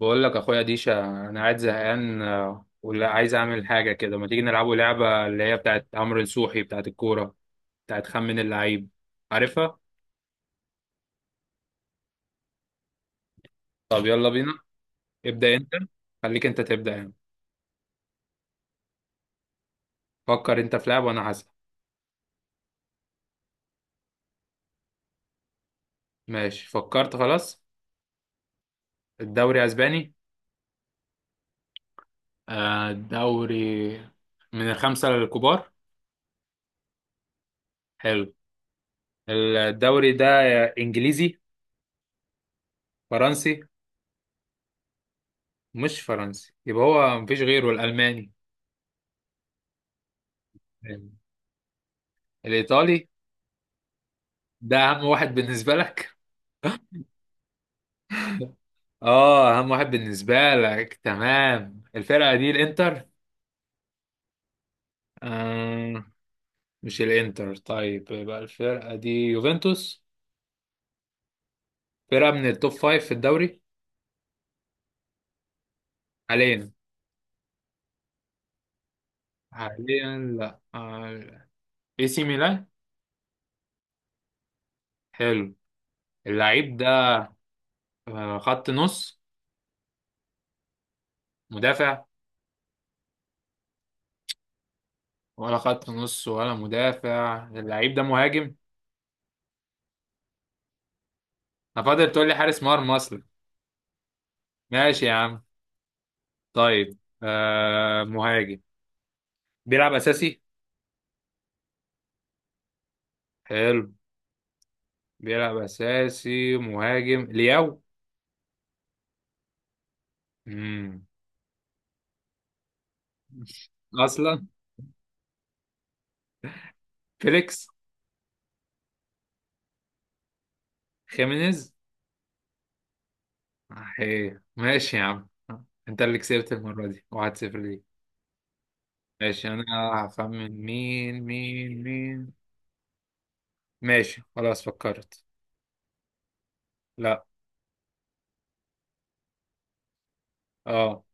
بقول لك اخويا ديشا انا قاعد زهقان آه، ولا عايز اعمل حاجه كده، ما تيجي نلعبوا لعبه اللي هي بتاعت عمرو نصوحي بتاعت الكوره، بتاعت خمن اللعيب؟ عارفها. طب يلا بينا. ابدا انت. خليك انت تبدا يعني. فكر انت في لعب وانا هسأل. ماشي فكرت خلاص. الدوري اسباني؟ آه، الدوري من الخمسه الكبار. حلو. الدوري ده انجليزي؟ فرنسي؟ مش فرنسي يبقى هو مفيش غيره الالماني. الايطالي؟ ده اهم واحد بالنسبة لك. اه اهم واحد بالنسبة لك، تمام. الفرقة دي الانتر؟ آه، مش الانتر. طيب يبقى الفرقة دي يوفنتوس؟ فرقة من التوب فايف في الدوري؟ حاليا. حاليا، لا. آه، اي سي ميلان. حلو. اللعيب ده آه، خط نص؟ مدافع؟ ولا خط نص ولا مدافع، اللعيب ده مهاجم. انا فاضل تقول لي حارس مرمى اصلا. ماشي يا عم. طيب آه، مهاجم. بيلعب اساسي؟ حلو. بيلعب اساسي مهاجم لياو؟ مم. اصلا. فيليكس؟ خيمينيز. ايه ماشي يا عم. انت اللي كسبت المره دي 1-0 ليك. ماشي انا. هخمن مين مين مين. ماشي خلاص فكرت. لا. اه.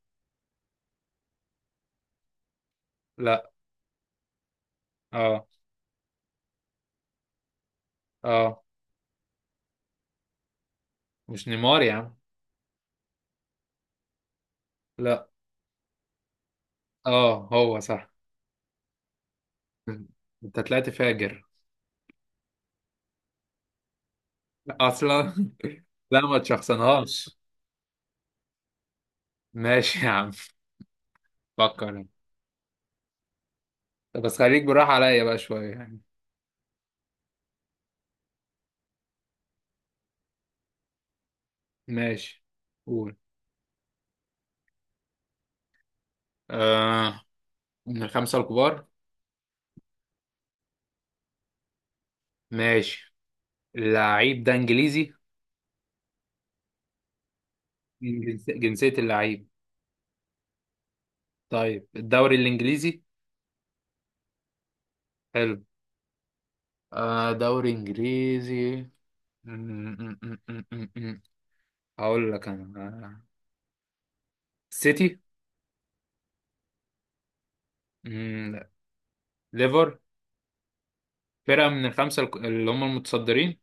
لا. اه، اه. مش نيمار يا عم. لا. اه، هو صح. انت طلعت فاجر. اصلا. لا، ما تشخصنهاش. ماشي يا عم. فكر. طب بس خليك براح عليا بقى شوية يعني. ماشي. قول. آه، من الخمسة الكبار. ماشي. اللعيب ده انجليزي؟ مم. جنسية اللعيب. طيب الدوري الانجليزي. حلو. آه، دوري انجليزي. م- م- م- م- م- م. هقول لك انا. آه، سيتي. لا. ليفر. فرقة من الخمسة اللي هم المتصدرين.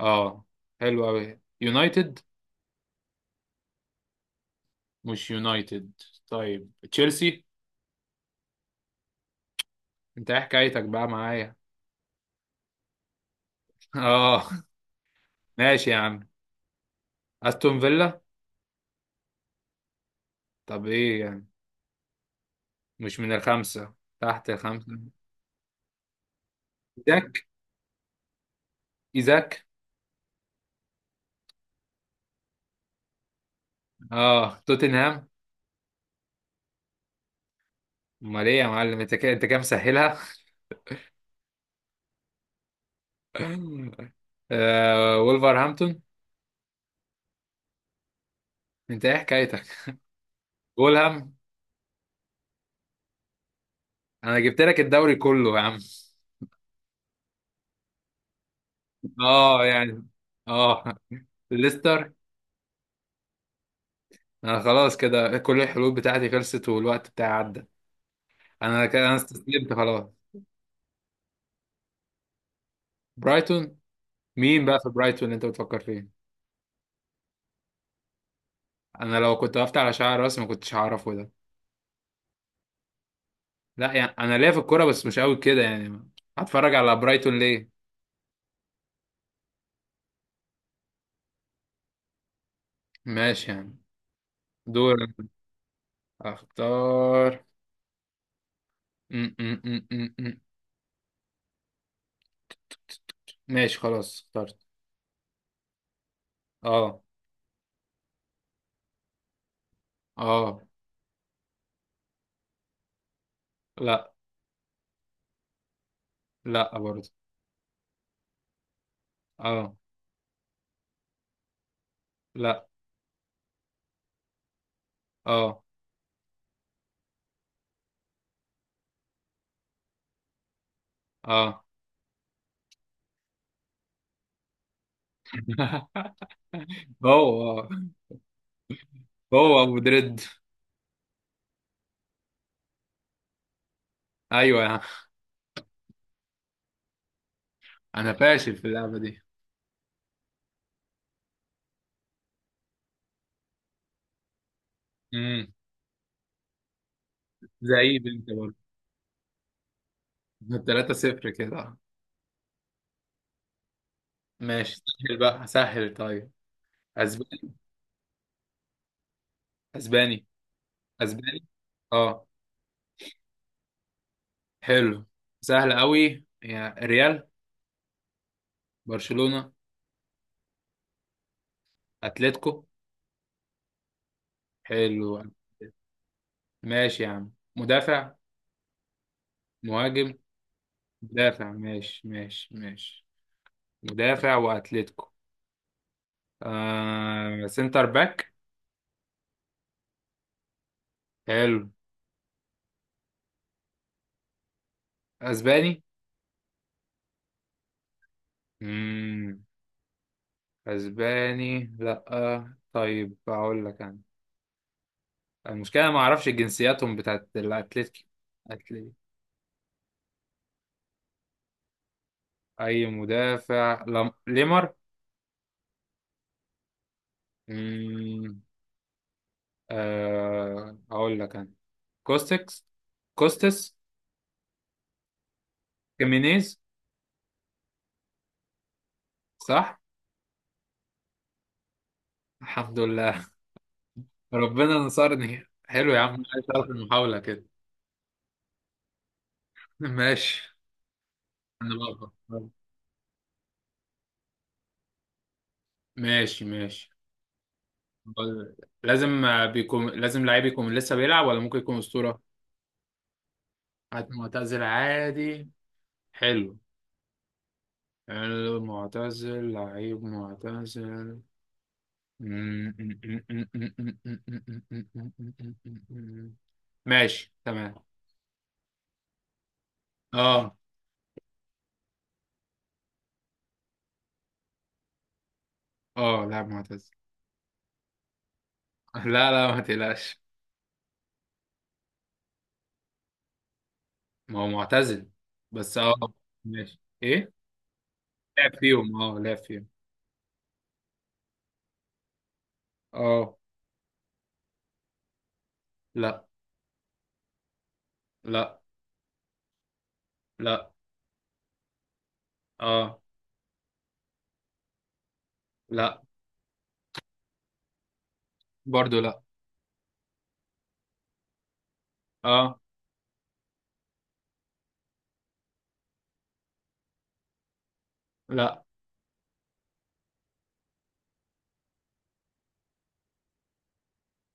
اه. حلو قوي، يونايتد. مش يونايتد. طيب تشيلسي. انت ايه حكايتك بقى معايا؟ اه. ماشي يا عم. استون فيلا. طب ايه يعني؟ مش من الخمسه؟ تحت الخمسه. ايزاك. ايزاك. اه توتنهام. امال ايه يا معلم، انت كده انت كام مسهلها. آه، وولفرهامبتون. انت ايه حكايتك؟ فولهام. انا جبت لك الدوري كله يا عم. اه يعني. اه. ليستر. انا خلاص كده كل الحلول بتاعتي خلصت، والوقت بتاعي عدى. انا كده انا استسلمت خلاص. برايتون. مين بقى في برايتون اللي انت بتفكر فيه؟ انا لو كنت وقفت على شعر راسي ما كنتش هعرفه ده. لا يعني انا ليا في الكوره بس مش قوي كده يعني. هتفرج على برايتون ليه؟ ماشي يعني. دور أنا. اختار. م -م -م -م -م. ماشي خلاص اخترت. اه. اه. لا. لا برضه. اه. لا. اه. اه. هو، هو ابو دريد. ايوه يا عم. انا فاشل في اللعبه دي. امم. زعيم انت برضه. 3-0 كده. ماشي سهل بقى، سهل طيب. اسباني. اسباني. اسباني. اه. حلو. سهل قوي، يا ريال. برشلونة. اتلتيكو. حلو. ماشي يا عم. مدافع؟ مهاجم؟ مدافع ماشي ماشي ماشي. مدافع واتلتيكو. آه، سنتر باك. حلو. اسباني؟ مم. اسباني لا، طيب اقول لك انا. المشكلة ما اعرفش جنسياتهم بتاعت الاتلتيكي. أتلي- اي مدافع لم... ليمر. أه هقول لك انا. كوستكس. كوستس. كيمينيز. صح. الحمد لله. ربنا نصرني، حلو يا عم عايز أعرف المحاولة كده. ماشي. انا بقى. ماشي ماشي. لازم آه، بيكون لازم لعيب يكون لسه بيلعب ولا ممكن يكون أسطورة؟ عاد معتزل عادي. حلو. حلو معتزل، لعيب معتزل. ماشي تمام. اه. اه لا معتزل. لا لا، ما تقلقش. ما هو معتزل بس اه. ماشي ايه. لعب فيهم اه لعب فيهم. اه. لا. لا. لا. اه. لا. برضو لا. اه. لا.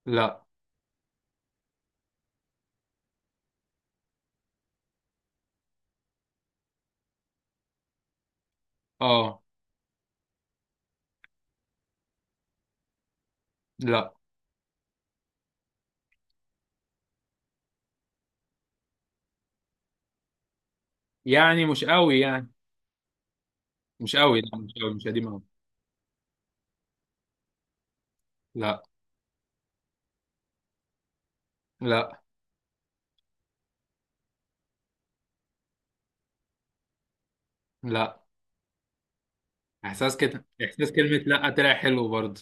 لا. اه. لا يعني مش قوي يعني. مش قوي، لا، مش قوي، مش قديم قوي. لا. لا. لا. احساس كده، احساس كلمة لا طلع حلو برضو.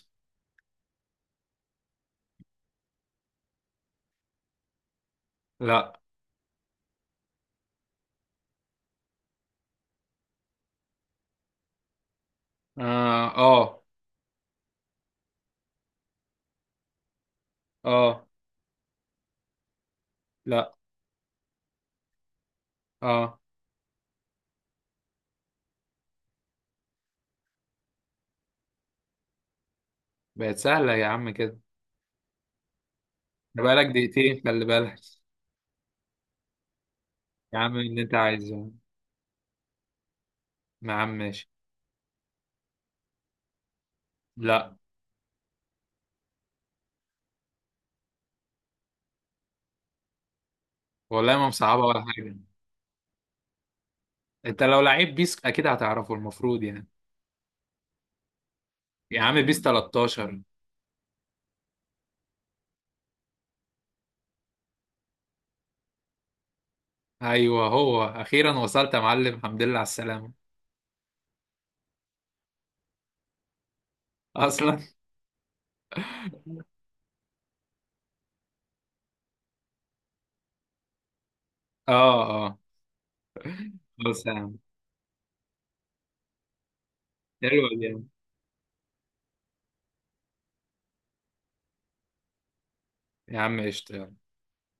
لا. اه اه. اه. لا. اه. بقت سهلة يا عم كده. ده بقالك دقيقتين خلي بالك. يا عم اللي انت عايزه. يا عم ماشي. لا والله ما مصعبه ولا حاجه. انت لو لعيب بيس اكيد هتعرفه، المفروض يعني. يا عم بيس 13. ايوه، هو اخيرا وصلت يا معلم، الحمد لله على السلامه. اصلا. اه. اه. خلاص يا عم. حلوه دي يا عم. يا عم قشطه يلا.